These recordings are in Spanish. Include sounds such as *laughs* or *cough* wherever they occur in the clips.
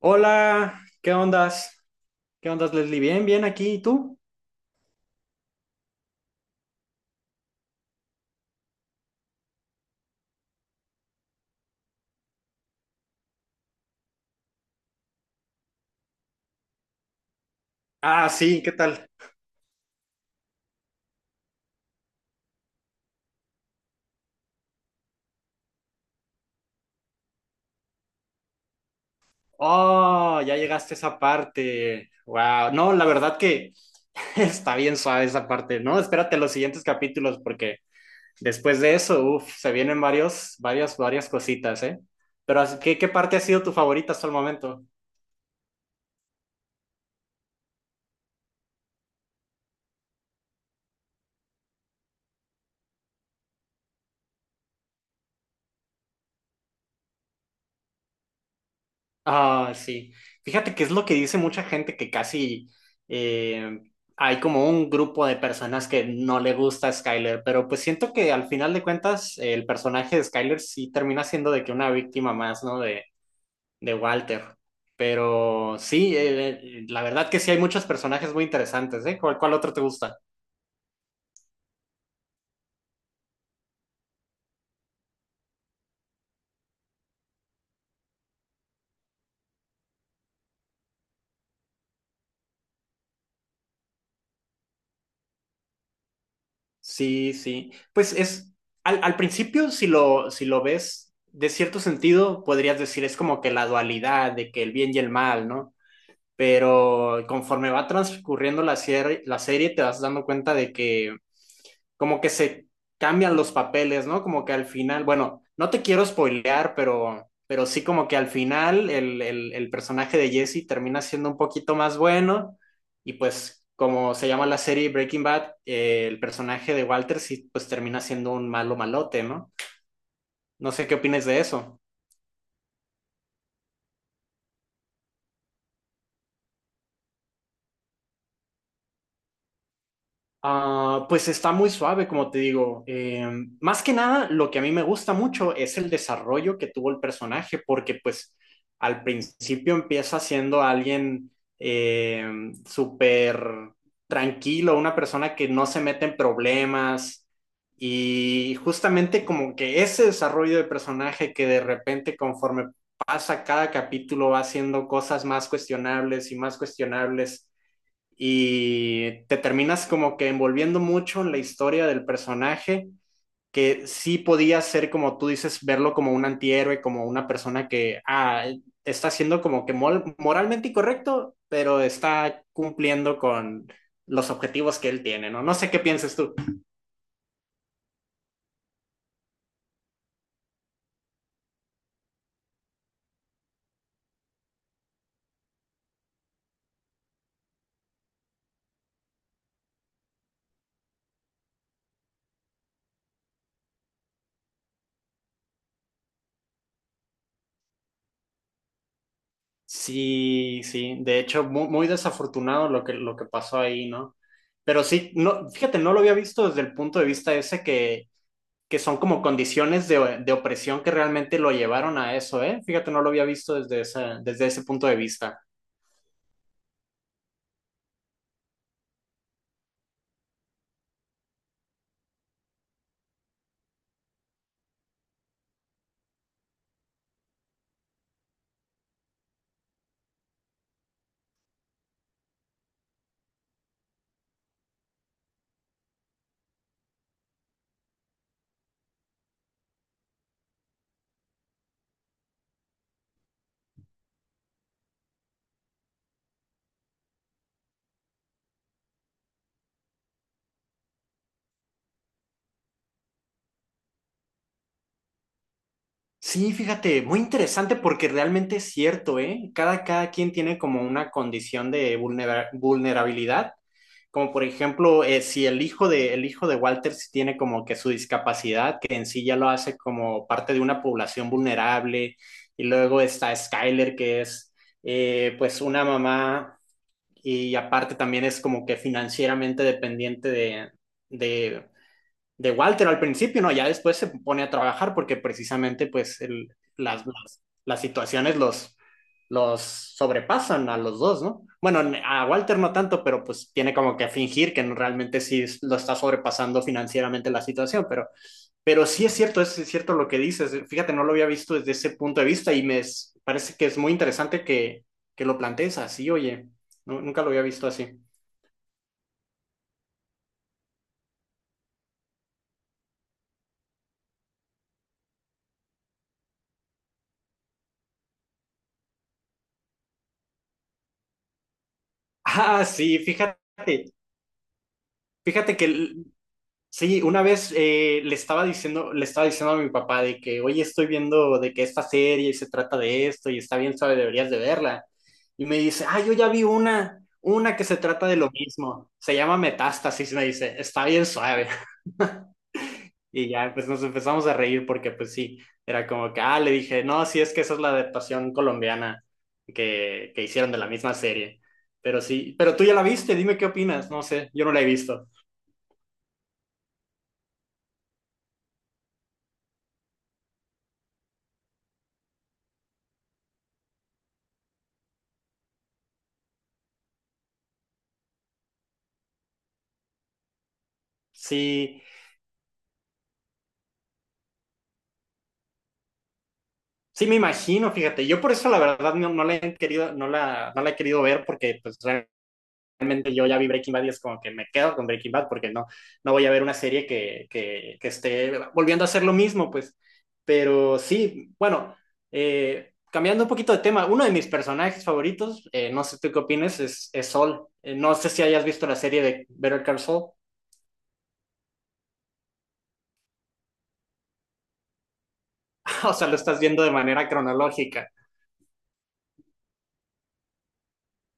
Hola, ¿qué ondas? ¿Qué ondas, Leslie? Bien, bien aquí, ¿y tú? Ah, sí, ¿qué tal? Oh, ya llegaste a esa parte. Wow, no, la verdad que *laughs* está bien suave esa parte, ¿no? Espérate los siguientes capítulos porque después de eso, uff, se vienen varios, varias, varias cositas, ¿eh? Pero, ¿qué parte ha sido tu favorita hasta el momento? Ah, sí. Fíjate que es lo que dice mucha gente que casi eh, hay como un grupo de personas que no le gusta a Skyler, pero pues siento que al final de cuentas el personaje de Skyler sí termina siendo de que una víctima más, ¿no? De Walter. Pero sí, la verdad que sí hay muchos personajes muy interesantes, ¿eh? ¿Cuál otro te gusta? Sí, sí. Pues es, al principio, si lo ves, de cierto sentido, podrías decir, es como que la dualidad de que el bien y el mal, ¿no? Pero conforme va transcurriendo la serie te vas dando cuenta de que como que se cambian los papeles, ¿no? Como que al final, bueno, no te quiero spoilear, pero sí como que al final el personaje de Jesse termina siendo un poquito más bueno y pues como se llama la serie Breaking Bad, el personaje de Walter sí pues termina siendo un malo malote, ¿no? No sé qué opinas de eso. Ah, pues está muy suave, como te digo. Más que nada, lo que a mí me gusta mucho es el desarrollo que tuvo el personaje, porque pues al principio empieza siendo alguien eh, súper tranquilo, una persona que no se mete en problemas y justamente como que ese desarrollo de personaje que de repente conforme pasa cada capítulo va haciendo cosas más cuestionables y te terminas como que envolviendo mucho en la historia del personaje, que sí podía ser, como tú dices, verlo como un antihéroe, como una persona que ah, está siendo como que moralmente incorrecto, pero está cumpliendo con los objetivos que él tiene, ¿no? No sé qué pienses tú. Sí, sí, de hecho, muy, desafortunado lo que pasó ahí, ¿no? Pero sí, no, fíjate, no lo había visto desde el punto de vista ese que son como condiciones de opresión que realmente lo llevaron a eso, ¿eh? Fíjate, no lo había visto desde ese punto de vista. Sí, fíjate, muy interesante porque realmente es cierto, ¿eh? Cada, cada quien tiene como una condición de vulnerabilidad, como por ejemplo, si el hijo de, el hijo de Walter sí tiene como que su discapacidad, que en sí ya lo hace como parte de una población vulnerable, y luego está Skyler, que es pues una mamá y aparte también es como que financieramente dependiente de, de Walter al principio, ¿no? Ya después se pone a trabajar porque precisamente pues las, las situaciones los sobrepasan a los dos, ¿no? Bueno, a Walter no tanto, pero pues tiene como que fingir que realmente sí lo está sobrepasando financieramente la situación, pero sí es cierto lo que dices. Fíjate, no lo había visto desde ese punto de vista y me parece que es muy interesante que lo plantees así, oye, no, nunca lo había visto así. Ah, sí, fíjate. Fíjate que sí, una vez le estaba diciendo a mi papá de que, oye, estoy viendo de que esta serie se trata de esto y está bien suave, deberías de verla. Y me dice, ah, yo ya vi una que se trata de lo mismo. Se llama Metástasis, me dice, está bien suave. *laughs* Y ya, pues nos empezamos a reír porque, pues sí, era como que, ah, le dije, no, sí, es que esa es la adaptación colombiana que hicieron de la misma serie. Pero sí, pero tú ya la viste, dime qué opinas, no sé, yo no la he visto. Sí. Sí, me imagino, fíjate, yo por eso la verdad no, no la he querido, no la, no la he querido ver porque pues realmente yo ya vi Breaking Bad y es como que me quedo con Breaking Bad porque no, no voy a ver una serie que esté volviendo a hacer lo mismo, pues. Pero sí, bueno, cambiando un poquito de tema, uno de mis personajes favoritos, no sé tú qué opinas, es Sol. No sé si hayas visto la serie de Better Call Saul, *laughs* o sea, lo estás viendo de manera cronológica.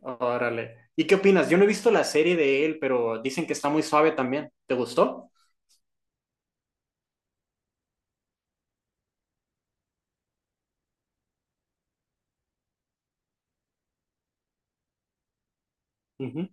Órale. ¿Y qué opinas? Yo no he visto la serie de él, pero dicen que está muy suave también. ¿Te gustó? Ujú.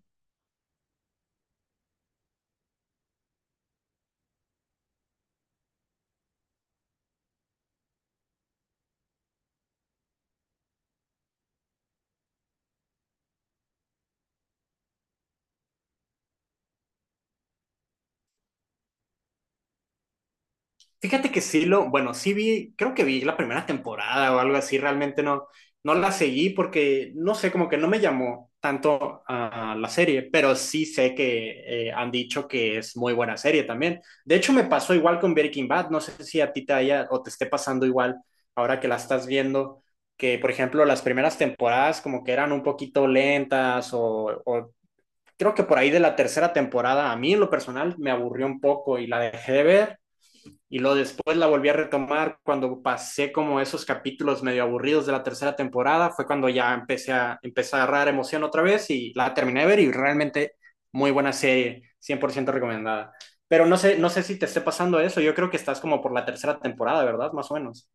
Fíjate que sí lo, bueno, sí vi, creo que vi la primera temporada o algo así, realmente no, no la seguí porque, no sé, como que no me llamó tanto a la serie, pero sí sé que han dicho que es muy buena serie también. De hecho, me pasó igual con Breaking Bad, no sé si a ti te haya o te esté pasando igual ahora que la estás viendo, que por ejemplo las primeras temporadas como que eran un poquito lentas o creo que por ahí de la tercera temporada, a mí en lo personal me aburrió un poco y la dejé de ver y luego después la volví a retomar cuando pasé como esos capítulos medio aburridos de la tercera temporada, fue cuando ya empecé a, empecé a agarrar emoción otra vez y la terminé de ver y realmente muy buena serie, 100% recomendada. Pero no sé, no sé si te esté pasando eso, yo creo que estás como por la tercera temporada, ¿verdad? Más o menos.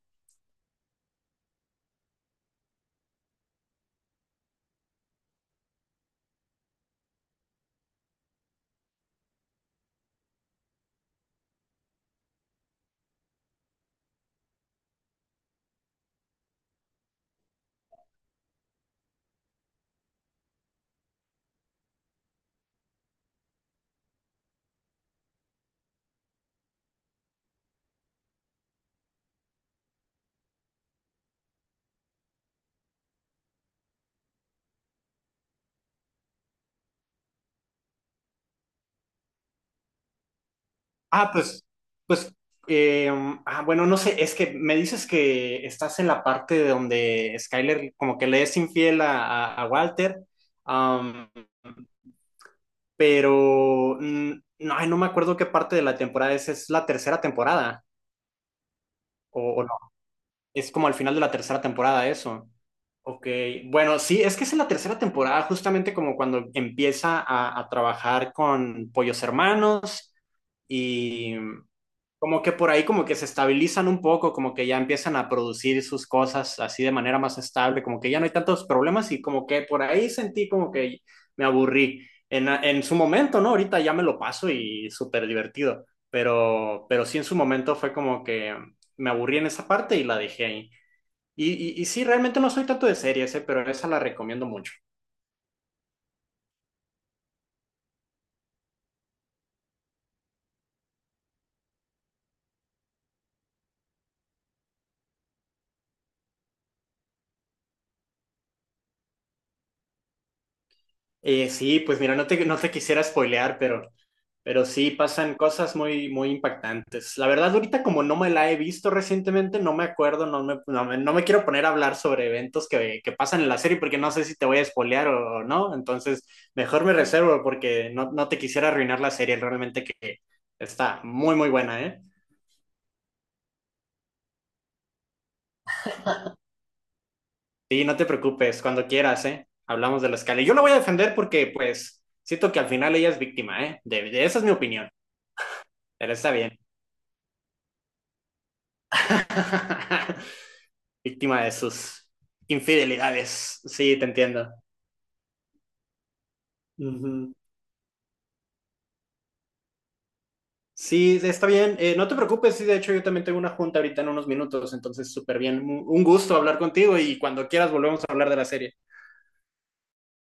Ah, pues, pues, eh, bueno, no sé, es que me dices que estás en la parte de donde Skyler como que le es infiel a, a Walter, am, pero no, ay, no me acuerdo qué parte de la temporada es la tercera temporada, o no, es como al final de la tercera temporada eso. Ok, bueno, sí, es que es en la tercera temporada, justamente como cuando empieza a trabajar con Pollos Hermanos. Y, como que por ahí como que se estabilizan un poco, como que ya empiezan a producir sus cosas así de manera más estable, como que ya no hay tantos problemas y como que por ahí sentí como que me aburrí en su momento, ¿no? Ahorita ya me lo paso y súper divertido, pero sí en su momento fue como que me aburrí en esa parte y la dejé ahí. Y sí, realmente no soy tanto de series, ¿eh? Pero esa la recomiendo mucho. Sí, pues mira, no te, no te quisiera spoilear, pero sí pasan cosas muy, muy impactantes. La verdad, ahorita como no me la he visto recientemente, no me acuerdo, no me, no me, no me quiero poner a hablar sobre eventos que pasan en la serie porque no sé si te voy a spoilear o no. Entonces, mejor me reservo porque no, no te quisiera arruinar la serie, realmente que está muy, muy buena, ¿eh? Sí, no te preocupes, cuando quieras, ¿eh? Hablamos de la escala. Y yo la voy a defender porque, pues, siento que al final ella es víctima, ¿eh? De, esa es mi opinión, pero está bien. *laughs* Víctima de sus infidelidades. Sí, te entiendo. Ujú. Sí, está bien. No te preocupes, sí, de hecho yo también tengo una junta ahorita en unos minutos, entonces súper bien. Un gusto hablar contigo y cuando quieras volvemos a hablar de la serie.